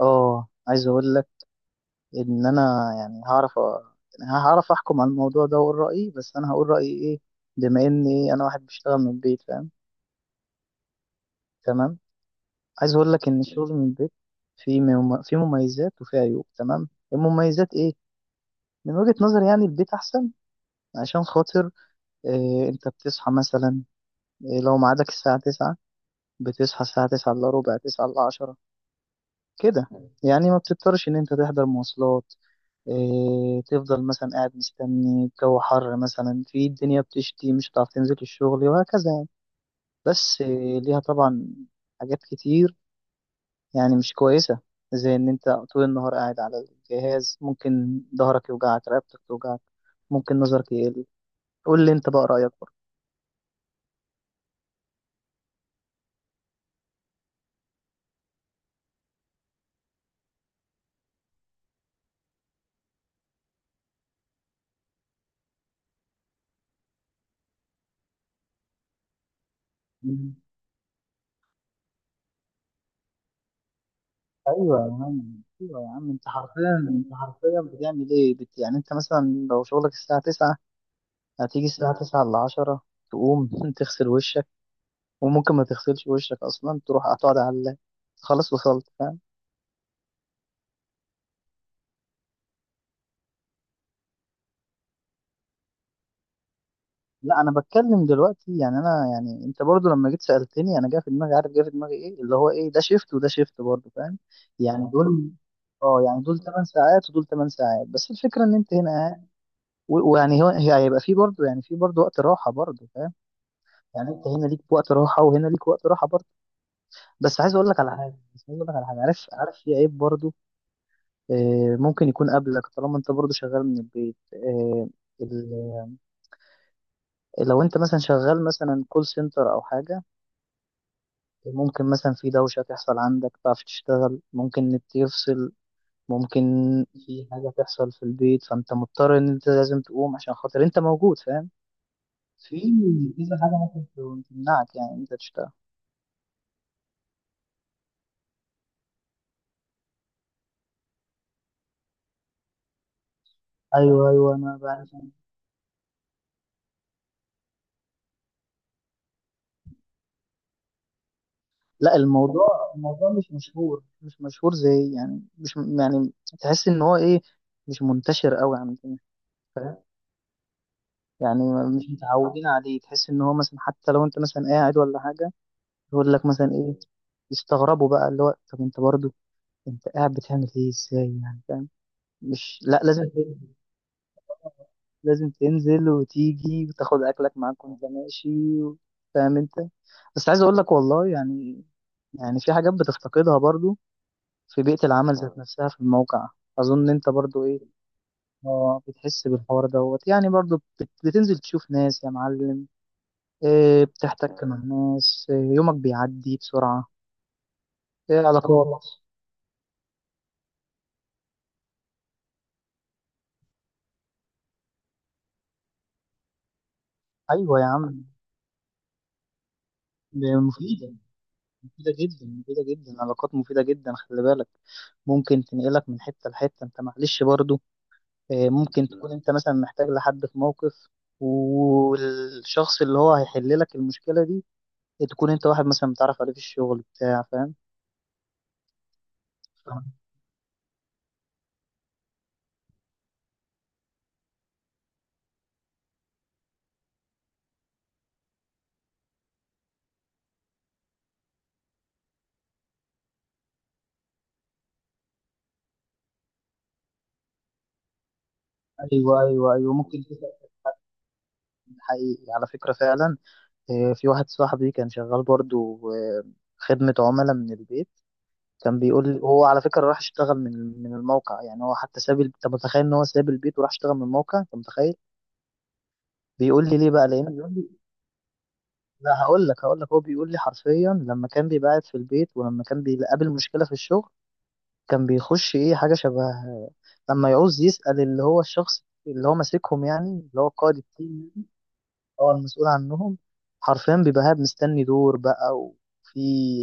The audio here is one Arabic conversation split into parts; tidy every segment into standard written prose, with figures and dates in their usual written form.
اه، عايز اقول لك ان انا يعني هعرف هعرف احكم على الموضوع ده واقول رايي. بس انا هقول رايي ايه؟ بما اني انا واحد بشتغل من البيت، فاهم؟ تمام. عايز اقول لك ان الشغل من البيت فيه مميزات وفيه عيوب، تمام. المميزات ايه؟ من وجهة نظري يعني البيت احسن، عشان خاطر إيه انت بتصحى مثلا، إيه لو ميعادك الساعه 9 بتصحى الساعه 9 الا ربع، 9 الا 10، كده. يعني ما بتضطرش ان انت تحضر مواصلات. إيه، تفضل مثلا قاعد مستني، الجو حر مثلا، في الدنيا بتشتي مش هتعرف تنزل الشغل، وهكذا يعني. بس إيه، ليها طبعا حاجات كتير يعني مش كويسة، زي إن أنت طول النهار قاعد على الجهاز، ممكن ظهرك يوجعك، رقبتك توجعك، ممكن نظرك يقل. قول لي أنت بقى رأيك برضه. مم. ايوه يا عم، أيوة يا عم، أنت حرفيا بتعمل إيه؟ يعني أنت مثلا لو شغلك الساعة تسعة، هتيجي الساعة تسعة لعشرة، تقوم تغسل وشك، وممكن ما تغسلش وشك اصلا، تروح هتقعد على اللاب، خلاص وصلت، فاهم؟ لا، انا بتكلم دلوقتي يعني، انا يعني انت برضو لما جيت سألتني، انا جاي في دماغي، عارف جاي في دماغي ايه؟ اللي هو ايه، ده شيفت وده شيفت برضو، فاهم؟ يعني دول، اه يعني دول 8 ساعات ودول 8 ساعات، بس الفكره ان انت هنا قاعد ويعني هو هيبقى في برضو، يعني في برضو وقت راحه برضو، فاهم؟ يعني انت هنا ليك وقت راحه وهنا ليك وقت راحه برضو. بس عايز اقول لك على حاجه، عارف، في عيب برضو. آه، ممكن يكون قبلك طالما انت برضه شغال من البيت، آه، ال- لو انت مثلا شغال مثلا كول سنتر او حاجة، ممكن مثلا في دوشة تحصل عندك، تعرف تشتغل، ممكن النت يفصل، ممكن في حاجة تحصل في البيت، فانت مضطر ان انت لازم تقوم، عشان خاطر انت موجود، فاهم؟ في كذا حاجة ممكن تمنعك يعني انت تشتغل. ايوه، ايوه، انا بعرف. لا، الموضوع مش مشهور، مش مشهور زي يعني، مش م- يعني تحس ان هو ايه، مش منتشر قوي عندنا. يعني مش متعودين عليه، تحس ان هو مثلا، حتى لو انت مثلا قاعد ولا حاجه، يقول لك مثلا ايه، يستغربوا بقى اللي هو، طب انت برضو انت قاعد بتعمل ايه، ازاي يعني؟ فاهم؟ مش، لا لازم تنزل- لازم تنزل وتيجي وتاخد اكلك معاك وانت ماشي، و- فاهم انت؟ بس عايز اقول لك والله يعني، في حاجات بتفتقدها برضو، في بيئه العمل ذات نفسها في الموقع. اظن انت برضو ايه، اه بتحس بالحوار دوت يعني، برضو بتنزل تشوف ناس يا معلم. إيه، بتحتك مع ناس، إيه، يومك بيعدي بسرعة. إيه، علاقات. أيوة يا عم. ده مفيدة، مفيدة جدا، مفيدة جدا، علاقات مفيدة جدا، خلي بالك. ممكن تنقلك من حتة لحتة، أنت معلش برضو، إيه، ممكن تكون أنت مثلا محتاج لحد في موقف، والشخص اللي هو هيحل لك المشكلة دي، تكون أنت واحد مثلا بتعرف عليه في الشغل بتاع، فاهم؟ فاهم. أيوة، أيوة، أيوة، ممكن تسأل، حقيقي على فكرة فعلا. آه، في واحد صاحبي كان شغال برضو، آه، خدمة عملاء من البيت. كان بيقول لي هو على فكرة راح اشتغل من الموقع، يعني هو حتى ساب انت متخيل؟ ان هو ساب البيت وراح اشتغل من الموقع، انت متخيل؟ بيقول لي ليه بقى؟ لان بيقول لي، لا هقول لك، هو بيقول لي حرفيا، لما كان بيبقى قاعد في البيت ولما كان بيقابل مشكلة في الشغل، كان بيخش ايه حاجة شبه، لما يعوز يسأل اللي هو الشخص اللي هو ماسكهم، يعني اللي هو قائد التيم، اه المسؤول عنهم. حرفيا بيبقى قاعد مستني دور بقى، وفي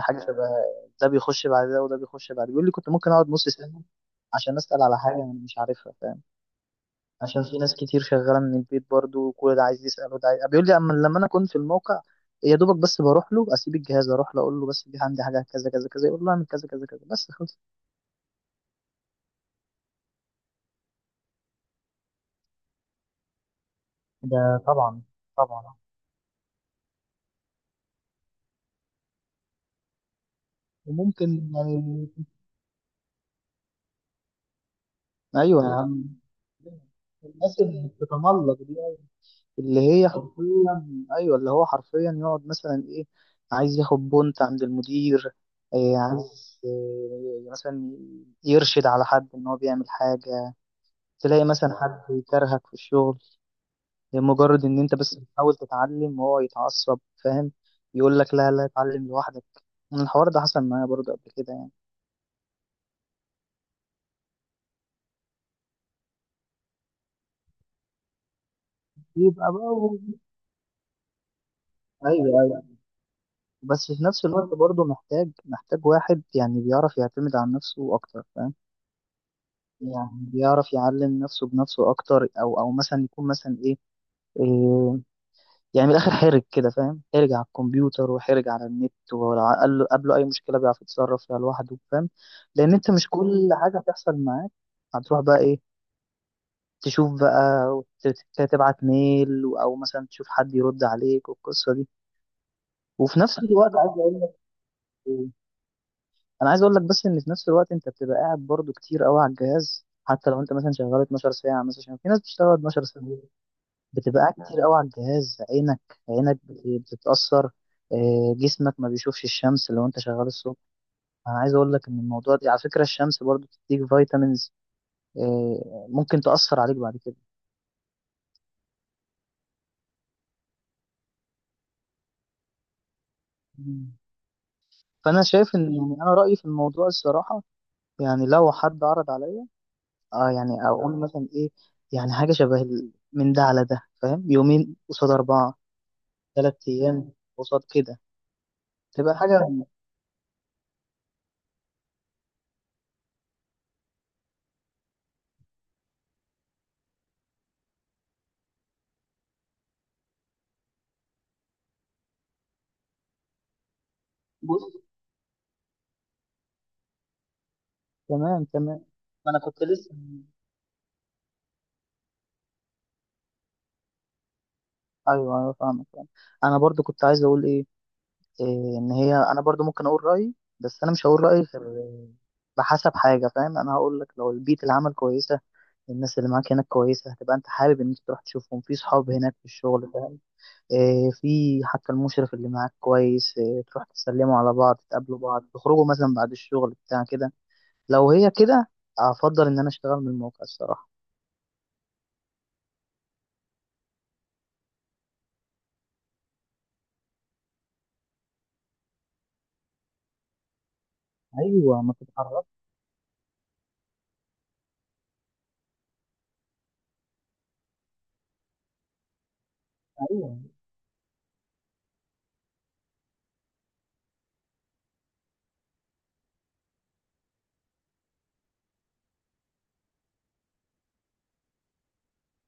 حاجة شبه، ده بيخش بعد ده وده بيخش بعد. بيقول لي كنت ممكن أقعد نص سنة عشان أسأل على حاجة أنا مش عارفها، فاهم؟ عشان في ناس كتير شغالة من البيت برضو، وكل ده عايز يسأل وده عايز. بيقول لي أما لما أنا كنت في الموقع، يا دوبك بس بروح له، أسيب الجهاز أروح له أقول له بس، دي عندي حاجة كذا كذا كذا، يقول له أعمل كذا كذا كذا، بس خلص. ده طبعا، طبعا. وممكن يعني أيوه يا عم، الناس اللي بتتملق دي، اللي هي طب حرفيا، ايوه اللي هو حرفيا يقعد مثلا ايه، عايز ياخد بونت عند المدير، إيه عايز إيه مثلا، يرشد على حد ان هو بيعمل حاجه. تلاقي مثلا حد يكرهك في الشغل لمجرد ان انت بس بتحاول تتعلم، وهو يتعصب، فاهم؟ يقول لك لا، لا اتعلم لوحدك. من الحوار ده حصل معايا برضه قبل كده يعني، يبقى بقى هو- ايوه، ايوه. بس في نفس الوقت برضه، محتاج واحد يعني بيعرف يعتمد على نفسه اكتر، فاهم؟ يعني بيعرف يعلم نفسه بنفسه اكتر، او مثلا يكون مثلا ايه، إيه، يعني من الاخر حرج كده، فاهم؟ حرج على الكمبيوتر وحرج على النت، ولو قابله اي مشكله بيعرف يتصرف فيها لوحده، فاهم؟ لان انت مش كل حاجه بتحصل معاك هتروح بقى ايه، تشوف بقى، وتبعت ميل، او مثلا تشوف حد يرد عليك والقصه دي. وفي نفس الوقت عايز اقول لك إيه، انا عايز اقول لك بس ان في نفس الوقت انت بتبقى قاعد برضو كتير قوي على الجهاز، حتى لو انت مثلا شغال 12 ساعه مثلا، عشان في ناس بتشتغل 12 ساعه. بتبقى قاعد كتير قوي على الجهاز، عينك بتتأثر. آه، جسمك ما بيشوفش الشمس لو انت شغال الصبح. انا عايز اقول لك ان الموضوع ده على فكرة، الشمس برضو بتديك فيتامينز، آه، ممكن تأثر عليك بعد كده. مم. فانا شايف ان يعني، انا رايي في الموضوع الصراحه، يعني لو حد عرض عليا، اه يعني اقول مثلا ايه، يعني حاجه شبه من ده على ده، فاهم؟ يومين قصاد اربعه، 3 ايام قصاد كده، تبقى حاجه. بص. تمام، تمام. ما انا كنت لسه، ايوه، ايوه، فاهمك يعني. انا برضو كنت عايز اقول ايه، إيه، ان هي انا برضو ممكن اقول رايي، بس انا مش هقول رايي غير بحسب حاجه، فاهم؟ انا هقول لك، لو البيئه العمل كويسه، الناس اللي معاك هناك كويسه، هتبقى انت حابب ان انت تروح تشوفهم، في صحاب هناك في الشغل، فاهم؟ إيه، في حتى المشرف اللي معاك كويس، إيه، تروح تسلموا على بعض، تقابلوا بعض، تخرجوا مثلا بعد الشغل بتاع كده. لو هي كده، افضل ان انا اشتغل من الموقع الصراحه. ايوه ما تتحركش. ايوه،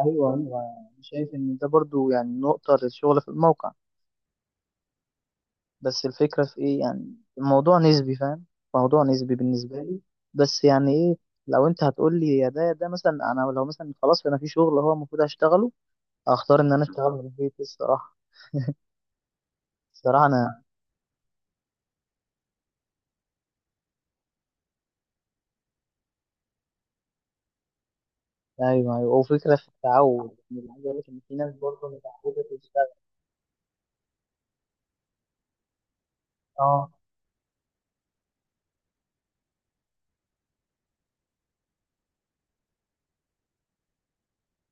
ايوه، ايوه، يعني شايف ان ده برضو يعني نقطة للشغل في الموقع. بس الفكرة في ايه، يعني الموضوع نسبي، فاهم؟ موضوع نسبي بالنسبة لي. بس يعني ايه، لو انت هتقول لي يا ده يا ده، مثلا انا لو مثلا خلاص انا في شغل هو المفروض هشتغله، اختار ان انا اشتغل من البيت الصراحة. الصراحة انا، ايوه، ايوه، وفكرة في التعود يعني، عايز اقول لك ان في ناس برضه متعودة تشتغل، اه.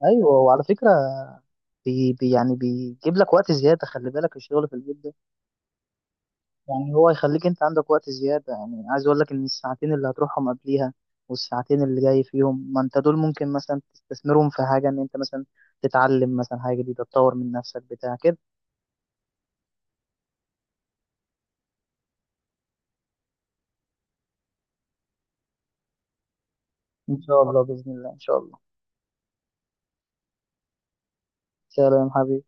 ايوه وعلى فكرة بي بي يعني بيجيب لك وقت زيادة، خلي بالك الشغل في البيت ده، يعني هو يخليك انت عندك وقت زيادة، يعني عايز اقول لك ان الساعتين اللي هتروحهم قبليها والساعتين اللي جاي فيهم، ما انت دول ممكن مثلا تستثمرهم في حاجة، ان انت مثلا تتعلم مثلا حاجة جديدة، تطور من نفسك بتاع كده. ان شاء الله، بإذن الله، ان شاء الله. سلام حبيبي.